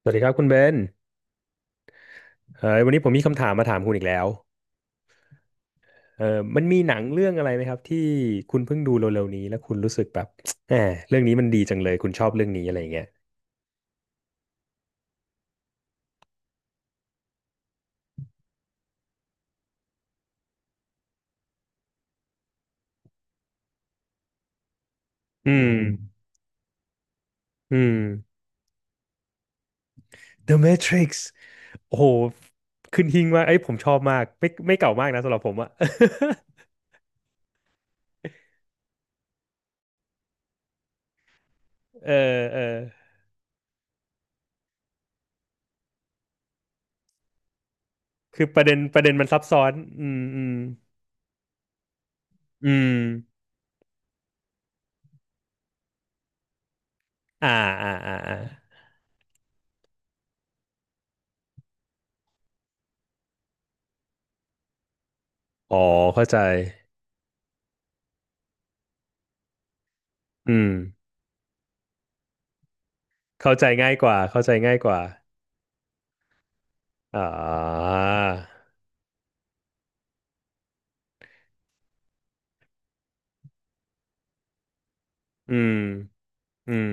สวัสดีครับคุณเบนเออวันนี้ผมมีคำถามมาถามคุณอีกแล้วมันมีหนังเรื่องอะไรไหมครับที่คุณเพิ่งดูเร็วๆนี้แล้วคุณรู้สึกแบบ แหมเรื่องนี้มันดีจังเลยคุณชอบเรื่องนี้อะไรอย่างเงี้ยอือมอืม The Matrix โอ้โหขึ้นหิ้งมากไอ้ยผมชอบมากไม่เก่ามากนะสำหรับผมอะ เออเออคือประเด็นมันซับซ้อนอืมอืมอืมอ่าอ่าอ่าอาอ๋อเข้าใจอืมเข้าใจง่ายกว่าเข้าใจง่ายกว่าอ่า อืมอืม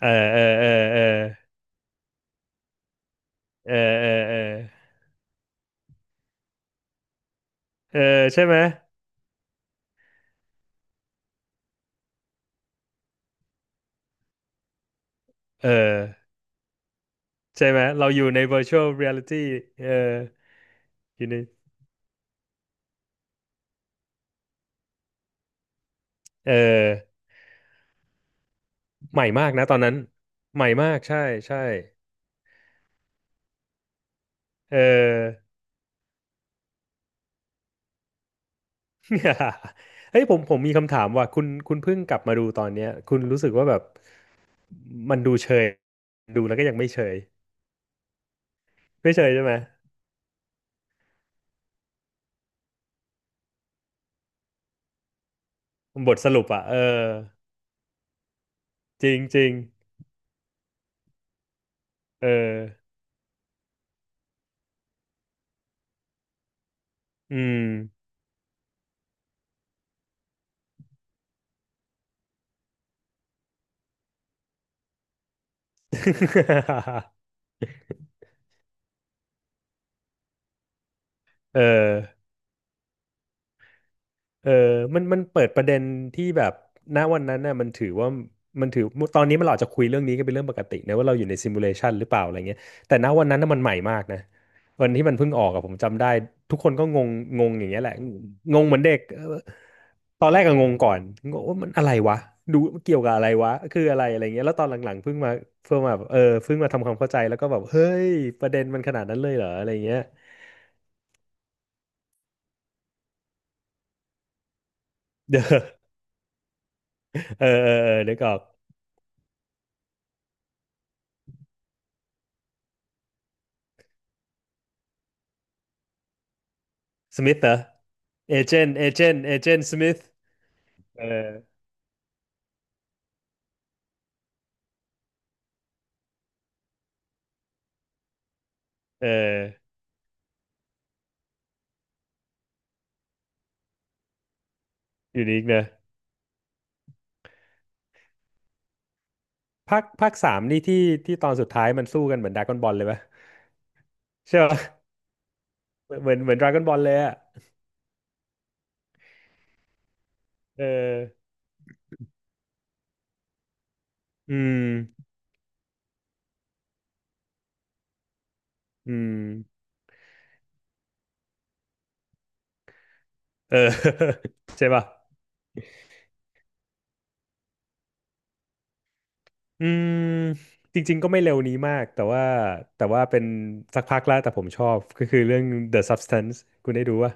เออเออเออเออเออเออเออเออใช่ไหมเออใช่ไหมเราอยู่ใน virtual reality เอออยู่ในเออใหม่มากนะตอนนั้น ใหม่มากใช่ ใช่ เออ เฮ้ยผมมีคำถามว่าคุณเพิ่งกลับมาดูตอนเนี้ยคุณรู้สึกว่าแบบ มันดูเชยดูแล้วก็ยังไม่เชยไม่เชยใช่ไหม บทสรุปอ่ะเออจริงจริงเออ อืม เออเออมันมันเปิดประเด็นที่แบบณวันนั้นน่ะมันถือว่ามันถือตอนนี้มันเราอาจจะคุยเรื่องนี้กันเป็นเรื่องปกตินะว่าเราอยู่ในซิมูเลชันหรือเปล่าอะไรเงี้ยแต่ณวันนั้นน่ะมันใหม่มากนะวันที่มันเพิ่งออกอะผมจำได้ทุกคนก็งงงงอย่างเงี้ยแหละงงเหมือนเด็กเออตอนแรกก็งงก่อนงงว่ามันอะไรวะดูเกี่ยวกับอะไรวะคืออะไรอะไรเงี้ยแล้วตอนหลังๆเพิ่งมาเพิ่งมาแบบเออเพิ่งมาทำความเข้าใจแล้วก็แบบเฮ้ยประเด็นมันขนาดนั้นเลยเหรออะไรเงี้ย เออ เออเออเออนึกออกสมิธเหรอเอเจนต์สมิธเออเอออยู่นีกเนอะภาคสามนี่ที่ที่ตอนสุดท้ายมันสู้กันเหมือนดราก้อนบอลเลยปะใช่ปะเหมือนเหมือนดราก้อนบอลเลยอ่ะเอออืมอืมเออ ใช่ป่ะอืมจริงๆก็ไม่เร็วนี้มากแต่ว่าแต่ว่าเป็นสักพักแล้วแต่ผมชอบก็คือเรื่อง The Substance คุณได้ดูปะ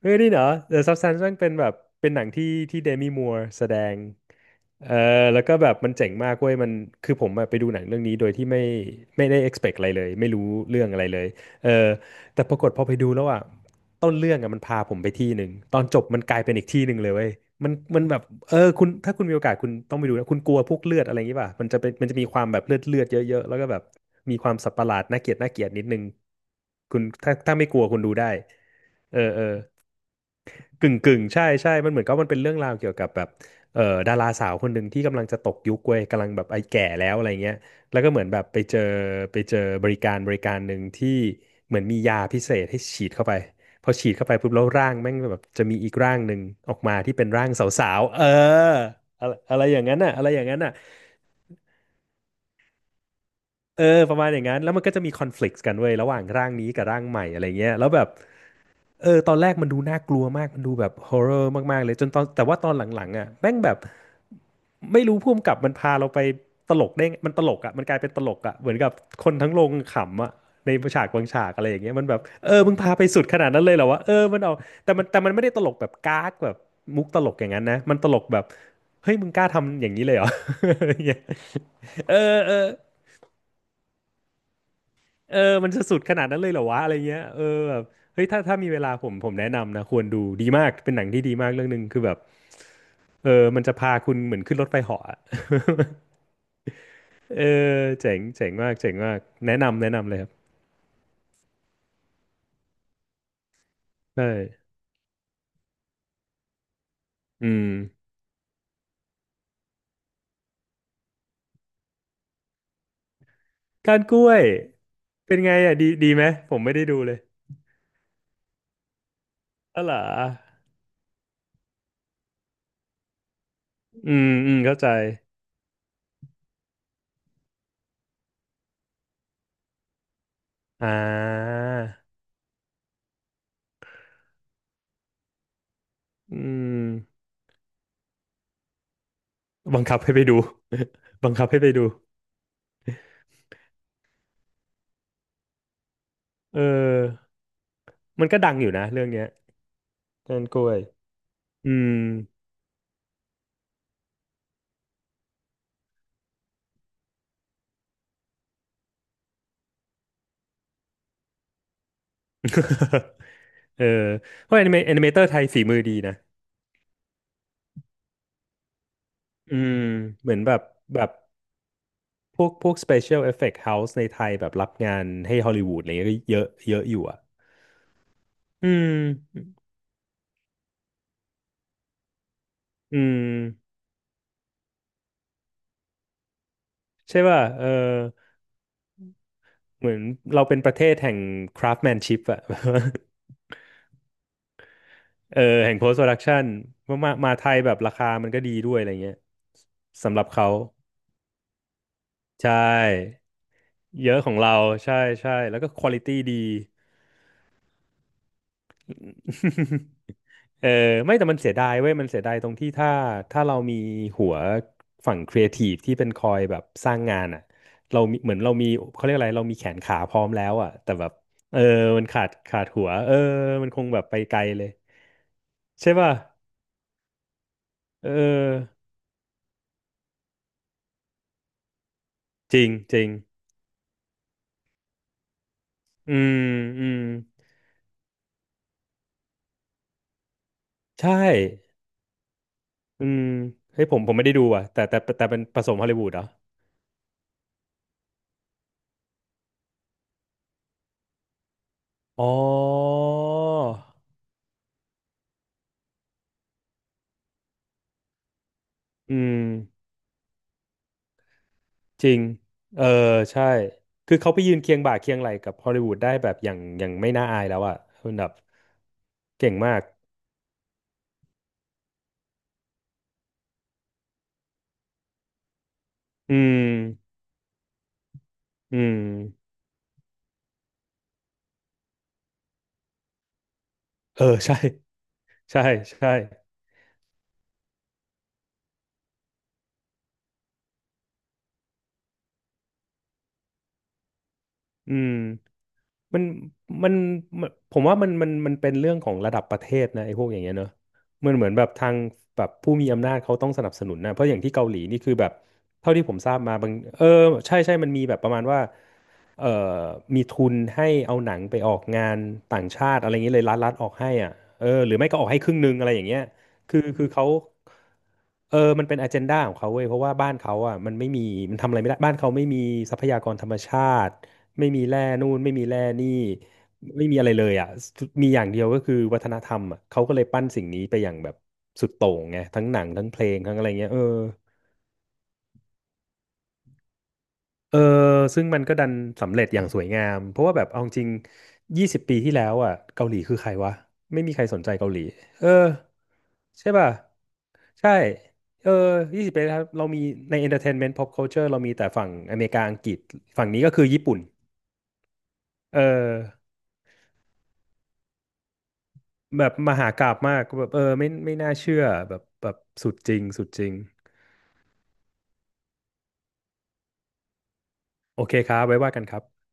เฮ้ยนี่เหรอ The Substance มันเป็นแบบเป็นหนังที่ที่เดมี่มัวร์แสดงเออแล้วก็แบบมันเจ๋งมากเว้ยมันคือผมอะไปดูหนังเรื่องนี้โดยที่ไม่ได้ expect อะไรเลยไม่รู้เรื่องอะไรเลยเออแต่ปรากฏพอไปดูแล้วอะต้นเรื่องอะมันพาผมไปที่หนึ่งตอนจบมันกลายเป็นอีกที่หนึ่งเลยเว้ยมันมันแบบเออคุณถ้าคุณมีโอกาสคุณต้องไปดูนะคุณกลัวพวกเลือดอะไรอย่างงี้ป่ะมันจะเป็นมันจะมีความแบบเลือดเลือดเยอะๆแล้วก็แบบมีความสัตว์ประหลาดน่าเกลียดน่าเกลียดนิดนึงคุณถ้าไม่กลัวคุณดูได้เออเออ กึ่งกึ่งใช่ใช่มันเหมือนกับมันเป็นเรื่องราวเกี่ยวกับแบบดาราสาวคนหนึ่งที่กำลังจะตกยุคเว้ยกำลังแบบไอ้แก่แล้วอะไรเงี้ยแล้วก็เหมือนแบบไปเจอไปเจอบริการบริการหนึ่งที่เหมือนมียาพิเศษให้ฉีดเข้าไปพอฉีดเข้าไปปุ๊บแล้วร่างแม่งแบบจะมีอีกร่างหนึ่งออกมาที่เป็นร่างสาวๆเอออะไรอะไรอย่างนั้นน่ะอะไรอย่างนั้นน่ะเออประมาณอย่างนั้นแล้วมันก็จะมีคอนฟ lict กต์กันเว้ยระหว่างร่างนี้กับร่างใหม่อะไรเงี้ยแล้วแบบ เออตอนแรกมันดูน่ากลัวมากมันดูแบบฮอ r ์เรอร์มากๆเลยจนตอนแต่ว่าตอนหลังๆอ่ะแม่งแบบไม่รู้ผู้กกับมันพาเราไปตลกได้ไงมันตลกอ่ะมันกลายเป็นตลกอ่ะเหมือนกับคนทั้งโรงขำอ่ะในฉากบางฉากอะไรอย่างเงี้ยมันแบบเออมึงพาไปสุดขนาดนั้นเลยเหรอวะเออมันเอาแต่มันแต่มันไม่ได้ตลกแบบก๊ากแบบมุกตลกอย่างนั้นนะมันตลกแบบเฮ้ยมึงกล้าทำอย่างนี้เลยเหรอ อย่างเงี้ยเออเออ เออมันจะสุดขนาดนั้นเลยเหรอวะอะไรเงี้ย เออแบบเฮ้ยถ้ามีเวลาผมแนะนำนะ ควรดูดีมาก เป็นหนังที่ดีมากเรื่องหนึ่งคือแบบเออมันจะพาคุณเหมือนขึ้นรถไฟเหาะอะ เออเจ๋งเจ๋งมากเจ๋งมากแนะนำแนะนำเลยครับใช่อืมการกล้วย เป็นไงอ่ะดีดีไหมผมไม่ได้ดูเลยอ๋อเหรออืมอืมเข้าใจอ่าอืมบังคับให้ไปดู บังคับให้ไปดู เออมันก็ดังอยู่นะเรื่องเนี้ยการกล้วย อืม เออ เพราะแอนิเมเตอร์ไทยฝีมือดีนะ อืม เหมือนแบบแบบพวก Special Effect House ในไทยแบบรับงานให้ฮอลลีวูดอะไรเงี้ยก็เยอะเยอะอยู่อ่ะอืมอืม ใช่ป่ะ เออ เหมือนเราเป็นประเทศแห่ง craftsmanship อะ เออแห่ง post production ว่ามาไทยแบบราคามันก็ดีด้วยอะไรเงี้ยสำหรับเขาใช่เยอะของเราใช่ใช่แล้วก็ quality ดี เออไม่แต่มันเสียดายเว้ยมันเสียดายตรงที่ถ้าเรามีหัวฝั่งครีเอทีฟที่เป็นคอยแบบสร้างงานอ่ะเรามีเหมือนเรามีเขาเรียกอะไรเรามีแขนขาพร้อมแล้วอ่ะแต่แบบเออมันขาดหัวเออมันคงแบบไปไกลเลยใช่ป่ะเออจริงจริงอืมอืมใช่อืมเฮ้ยผมไม่ได้ดูอ่ะแต่เป็นผสมฮอลลีวูดเหรออ๋ออืม จริง เออใช่ คือเขาไปยืนเคียงบ่าเคียงไหล่กับฮอลลีวูดได้แบบอย่างไม่น่าอายแล้วอ่ะคุณแบบเก่งมาก อืมอืมเออใช่ใช่ใช่ อืม มันมันมันผมว่ามันเป็นเรื่องของระดับประเทศนะไอ้พวกอย่างเงี้ยเนอะมันเหมือนแบบทางแบบผู้มีอำนาจเขาต้องสนับสนุนนะเพราะอย่างที่เกาหลีนี่คือแบบเท่าที่ผมทราบมาบางเออใช่ใช่มันมีแบบประมาณว่าเอ่อมีทุนให้เอาหนังไปออกงานต่างชาติอะไรอย่างเงี้ยเลยรัฐออกให้อ่ะเออหรือไม่ก็ออกให้ครึ่งหนึงอะไรอย่างเงี้ยคือเขาเออมันเป็นอ g e n d a ของเขาเว้ยเพราะว่าบ้านเขาอ่ะมันไม่มีมันทำอะไรไม่ได้บ้านเขาไม่มีทรัพยากรธรรมชาติ ไม่มีแร่นู่นไม่มีแร่นี่ไม่มีอะไรเลยอ่ะมีอย่างเดียวก็คือวัฒนธรรมอ่ะเขาก็เลยปั้นสิ่งนี้ไปอย่างแบบสุดโต่งไงทั้งหนังทั้งเพลงทั้งอะไรเงี้ยเออเออซึ่งมันก็ดันสำเร็จอย่างสวยงามเพราะว่าแบบเอาจริงยี่สิบปีที่แล้วอ่ะเกาหลีคือใครวะไม่มีใครสนใจเกาหลีเออใช่ป่ะใช่เออยี่สิบปีแล้วเรามีใน entertainment pop culture เรามีแต่ฝั่งอเมริกาอังกฤษฝั่งนี้ก็คือญี่ปุ่นเออ แบบมหากาพย์มากแบบเออไม่ไม่น่าเชื่อแบบแบบสุดจริงสุดจริงโอเคครับไว้ว่ากันครับ